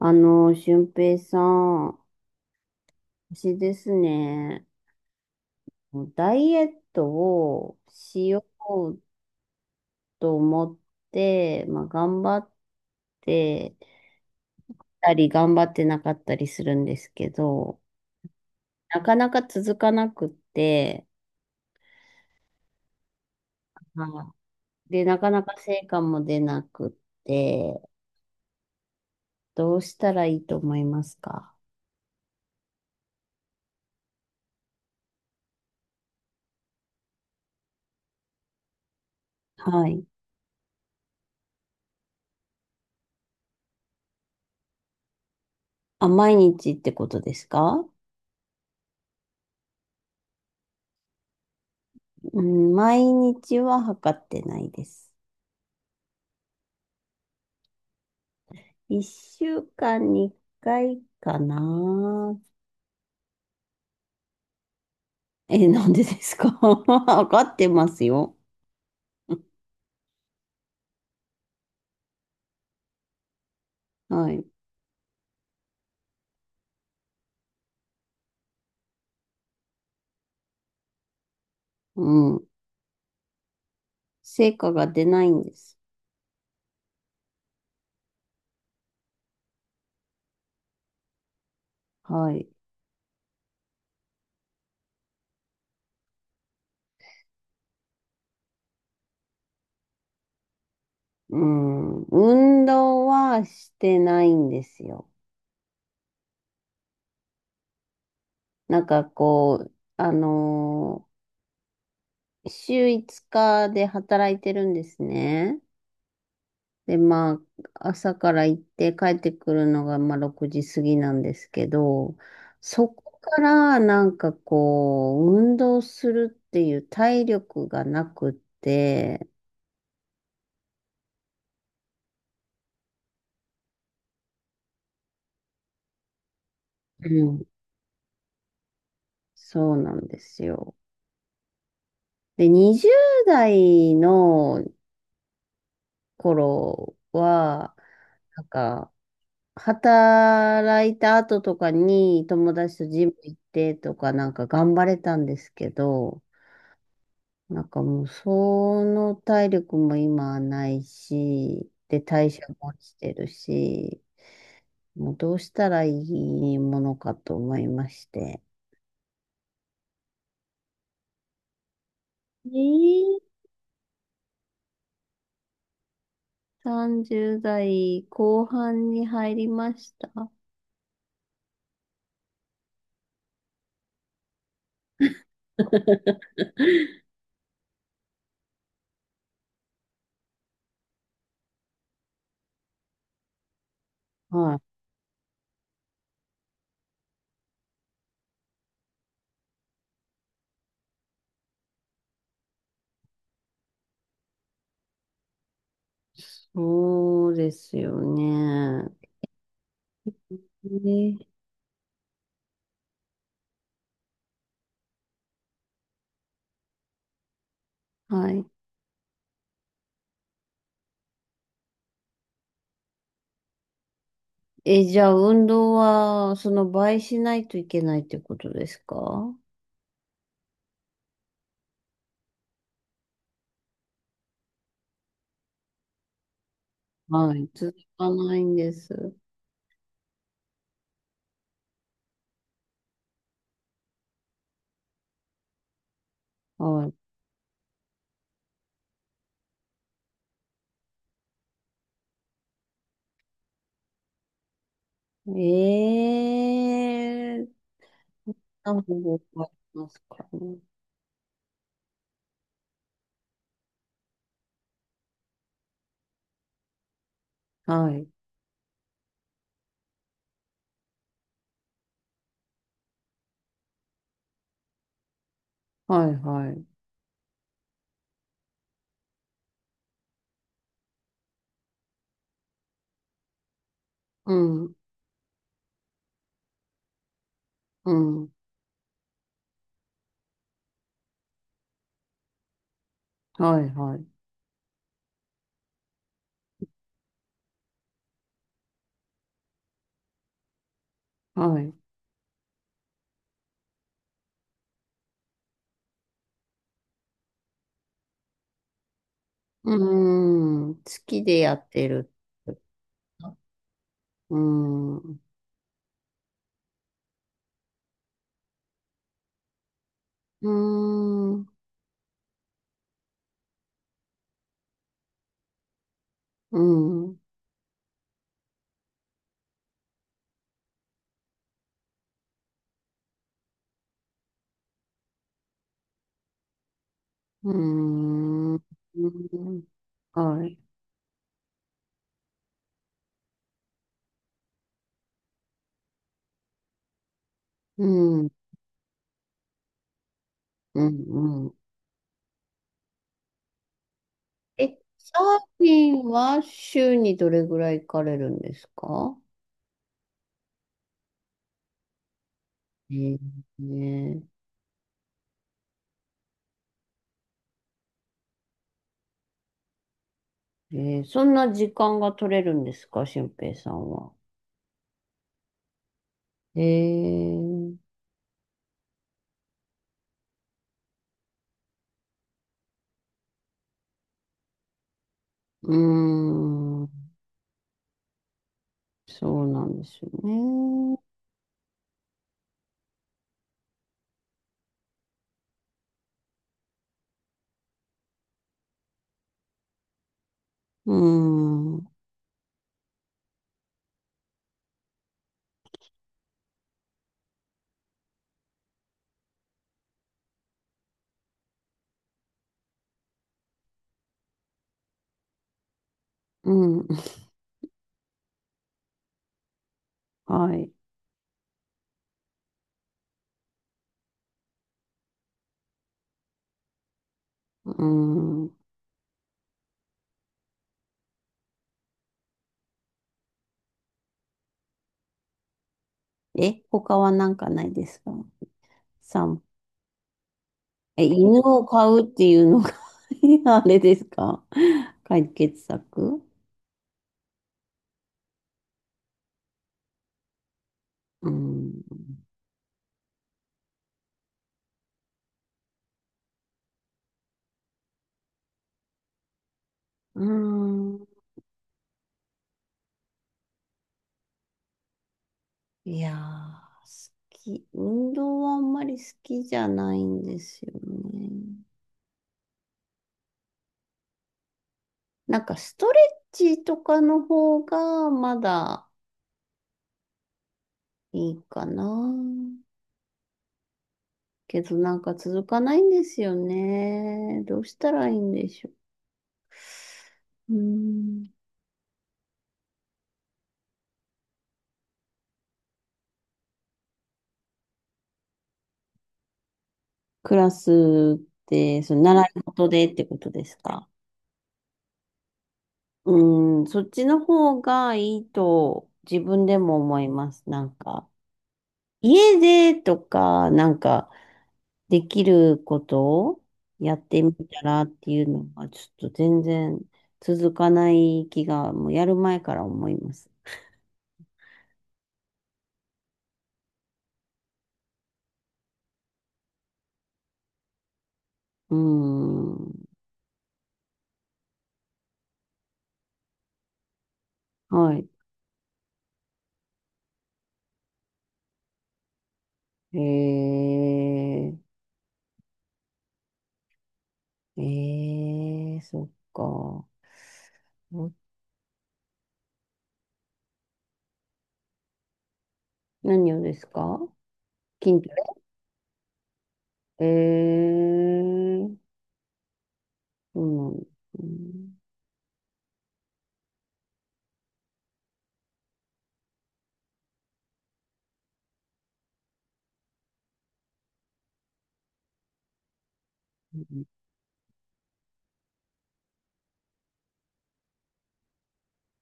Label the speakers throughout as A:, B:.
A: 俊平さん、私ですね、ダイエットをしようと思って、頑張ってたり、頑張ってなかったりするんですけど、なかなか続かなくって、はい。で、なかなか成果も出なくって、どうしたらいいと思いますか？はい。あ、毎日ってことですか？うん、毎日は測ってないです。一週間に一回かな。え、なんでですか？ わかってますよ。はい。うん。成果が出ないんです。はい。うん。運動はしてないんですよ。なんかこう、あの週5日で働いてるんですね。で、まあ、朝から行って帰ってくるのが、まあ、6時過ぎなんですけど、そこからなんかこう、運動するっていう体力がなくって、うん。そうなんですよ。で、20代の頃は、なんか、働いた後とかに友達とジム行ってとかなんか頑張れたんですけど、なんかもう、その体力も今はないし、で、代謝も落ちてるし、もうどうしたらいいものかと思いまして。えー、30代後半に入りました。はい。そうですよね。え、はい。え、じゃあ運動は、その倍しないといけないってことですか？はい。続かないんです。はい。ええ、何本かありますかね。はい。はい、はい。うん、うん。はい、はい。はい。うーん。好きでやってる。うーん。うーん。うん。うーん。うーん、はい。うん。うん。うん。え、サーフィンは週にどれぐらい行かれるんですか？ええ、ねえ、ーそんな時間が取れるんですか、俊平さんは。えー、うーん、そうなんですよね。うーん、うん、はい。うーん。え、他はなんかないですか？散、え、犬を飼うっていうのが あれですか？解決策？うーん。うーん。いやー、好き。運動はあんまり好きじゃないんですよね。なんかストレッチとかの方がまだいいかな。けどなんか続かないんですよね。どうしたらいいんでしょう。うーん。クラスってその習い事でってことですか。うーん、そっちの方がいいと自分でも思います。なんか、家でとか、なんか、できることをやってみたらっていうのが、ちょっと全然続かない気が、もうやる前から思います。うーん。はい。えー、えー、そっか。ん、何をですか？筋トレ？えー、そうなんですね。う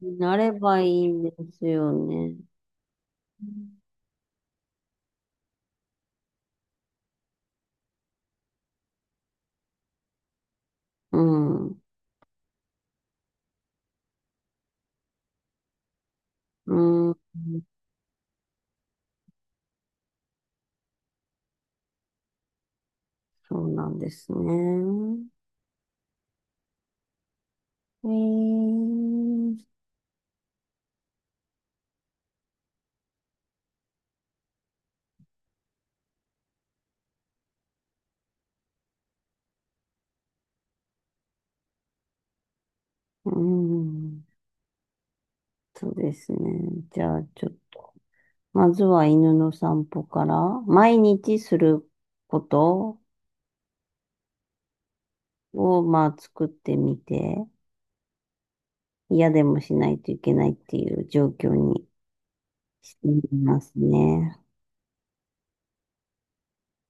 A: んなればいいんですよね。うん。うん。うん、そうなんですね。えー、うん、そうですね。じゃあ、ちょっと、まずは犬の散歩から、毎日することを、まあ、作ってみて、嫌でもしないといけないっていう状況にしてみますね。